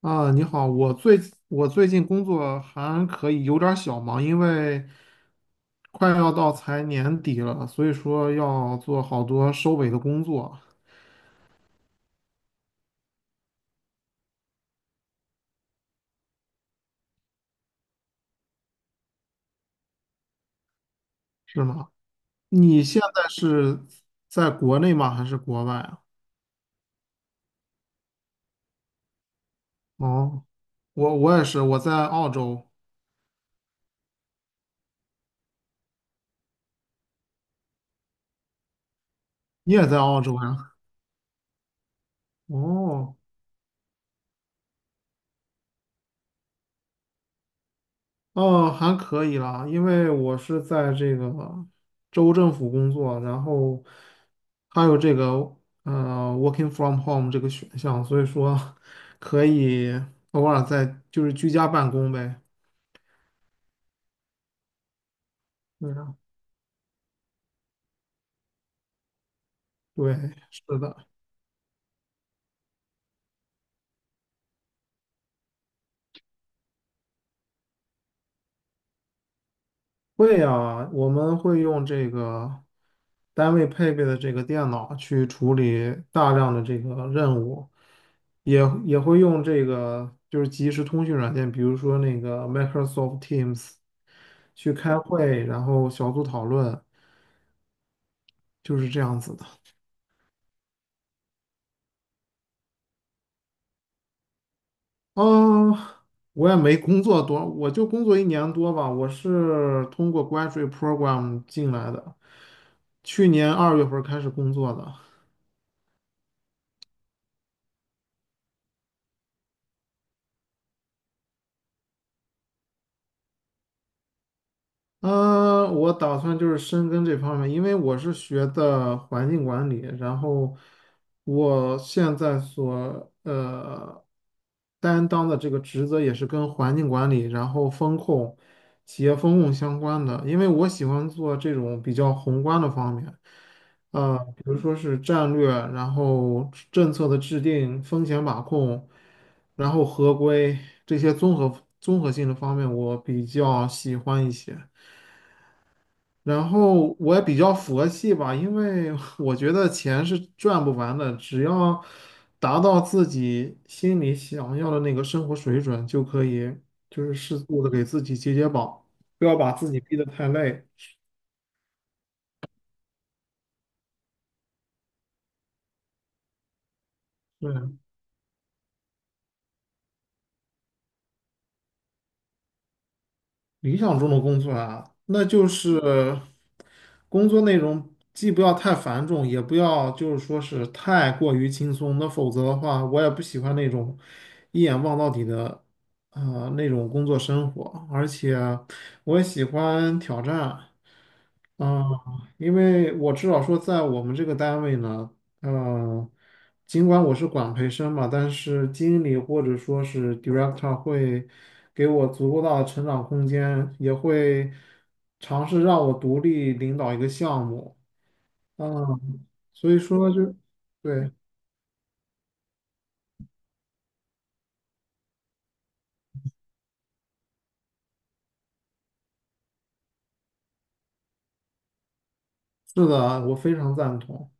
啊，你好，我最近工作还可以，有点儿小忙，因为快要到财年底了，所以说要做好多收尾的工作。是吗？你现在是在国内吗？还是国外啊？哦，我也是，我在澳洲。你也在澳洲呀？哦。哦，还可以啦，因为我是在这个州政府工作，然后还有这个working from home 这个选项，所以说 可以偶尔在就是居家办公呗。对啊。对，是的。会呀，我们会用这个单位配备的这个电脑去处理大量的这个任务，也会用这个就是即时通讯软件，比如说那个 Microsoft Teams去开会，然后小组讨论，就是这样子的。嗯，我也没工作多，我就工作一年多吧。我是通过 graduate program 进来的，去年2月份开始工作的。我打算就是深耕这方面，因为我是学的环境管理，然后我现在所担当的这个职责也是跟环境管理，然后风控、企业风控相关的，因为我喜欢做这种比较宏观的方面。比如说是战略，然后政策的制定、风险把控，然后合规这些综合性的方面，我比较喜欢一些。然后我也比较佛系吧，因为 我觉得钱是赚不完的，只要达到自己心里想要的那个生活水准，就可以就是适度的给自己解绑，不要把自己逼得太累。对。理想中的工作啊，那就是工作内容既不要太繁重，也不要就是说是太过于轻松。那否则的话，我也不喜欢那种一眼望到底的那种工作生活，而且我也喜欢挑战。啊，因为我至少说，在我们这个单位呢，呃，尽管我是管培生嘛，但是经理或者说是 director 会给我足够大的成长空间，也会尝试让我独立领导一个项目。嗯，所以说就，对，是的，我非常赞同。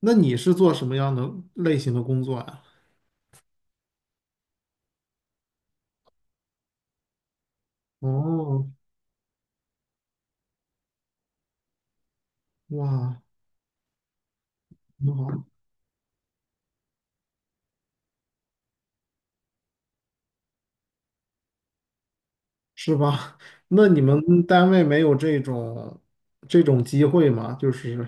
那你是做什么样的类型的工作呀？哦。哇，很好。是吧？那你们单位没有这种机会吗？就是，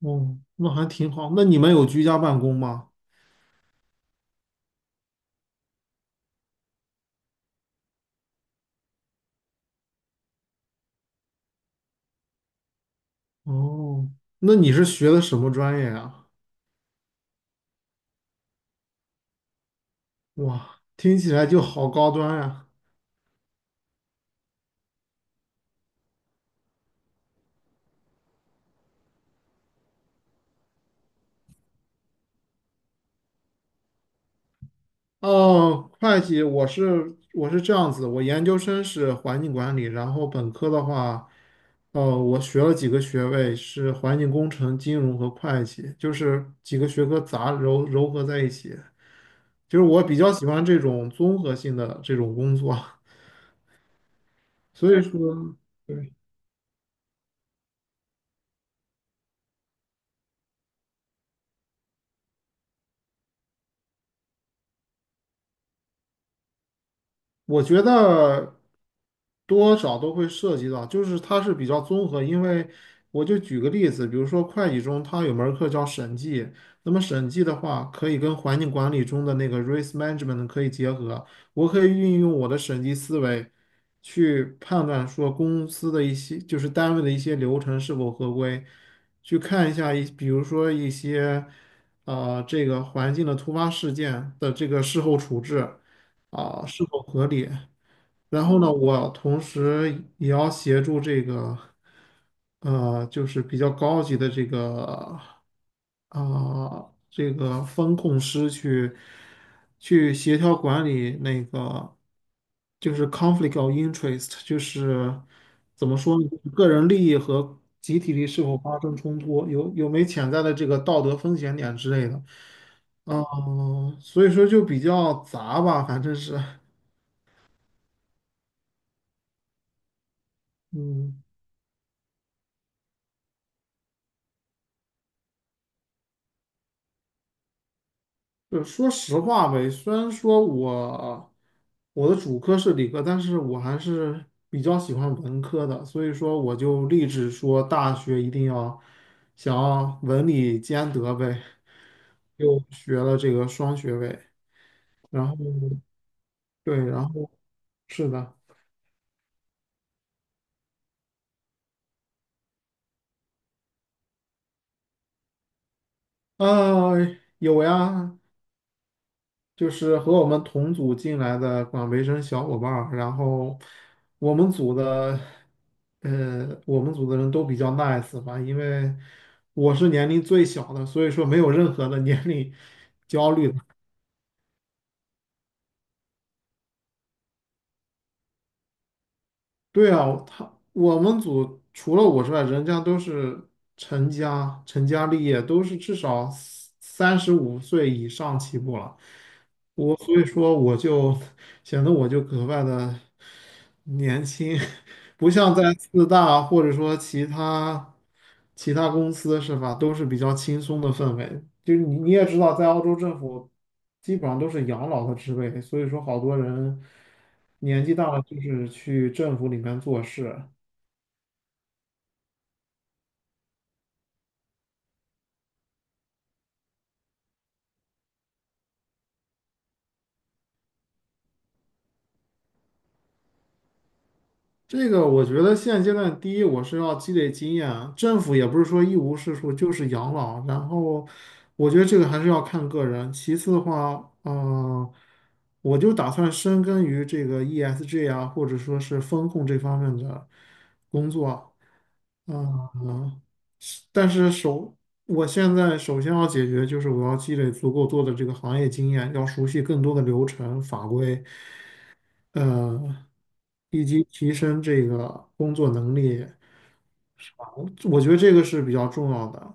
哦，那还挺好。那你们有居家办公吗？哦，那你是学的什么专业啊？哇，听起来就好高端呀。哦，会计，我是这样子，我研究生是环境管理，然后本科的话，我学了几个学位，是环境工程、金融和会计，就是几个学科糅合在一起。就是我比较喜欢这种综合性的这种工作，所以说，对，我觉得多少都会涉及到，就是它是比较综合。因为我就举个例子，比如说会计中它有门儿课叫审计，那么审计的话可以跟环境管理中的那个 risk management 可以结合，我可以运用我的审计思维去判断说公司的一些就是单位的一些流程是否合规，去看一下比如说一些这个环境的突发事件的这个事后处置啊，是否合理。然后呢，我同时也要协助这个，就是比较高级的这个，啊、这个风控师去协调管理那个，就是 conflict of interest,就是怎么说呢，就是个人利益和集体利益是否发生冲突，有没潜在的这个道德风险点之类的。哦，所以说就比较杂吧，反正是，嗯，就说实话呗，虽然说我的主科是理科，但是我还是比较喜欢文科的，所以说我就立志说大学一定要想要文理兼得呗，又学了这个双学位。然后对，然后是的。呃，有呀，就是和我们同组进来的管培生小伙伴儿，然后我们组的，我们组的人都比较 nice 吧，因为我是年龄最小的，所以说没有任何的 年龄焦虑的。对啊，我们组除了我之外，人家都是成家立业，都是至少35岁以上起步了。所以说我就显得格外的年轻，不像在四大或者说其他公司是吧，都是比较轻松的氛围。就是你也知道，在澳洲政府基本上都是养老的职位，所以说好多人年纪大了就是去政府里面做事。这个我觉得现阶段，第一，我是要积累经验啊，政府也不是说一无是处，就是养老。然后，我觉得这个还是要看个人。其次的话，我就打算深耕于这个 ESG 啊，或者说是风控这方面的工作啊。嗯、是但是首，我现在首先要解决就是我要积累足够多的这个行业经验，要熟悉更多的流程法规。呃，以及提升这个工作能力，我觉得这个是比较重要的。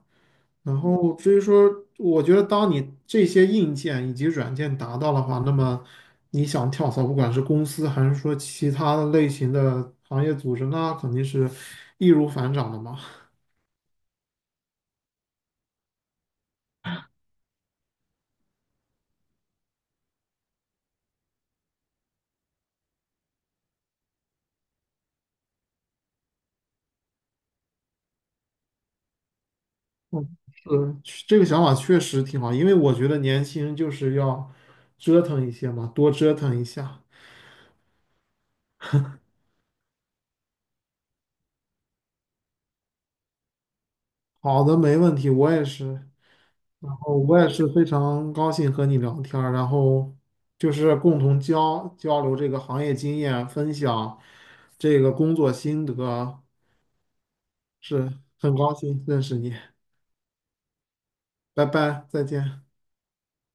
然后至于说，我觉得当你这些硬件以及软件达到的话，那么你想跳槽，不管是公司还是说其他的类型的行业组织，那肯定是易如反掌的嘛。嗯，是，这个想法确实挺好，因为我觉得年轻人就是要折腾一些嘛，多折腾一下。好的，没问题，我也是。然后我也是非常高兴和你聊天儿，然后就是共同交流这个行业经验，分享这个工作心得。是，很高兴认识你。拜拜，再见。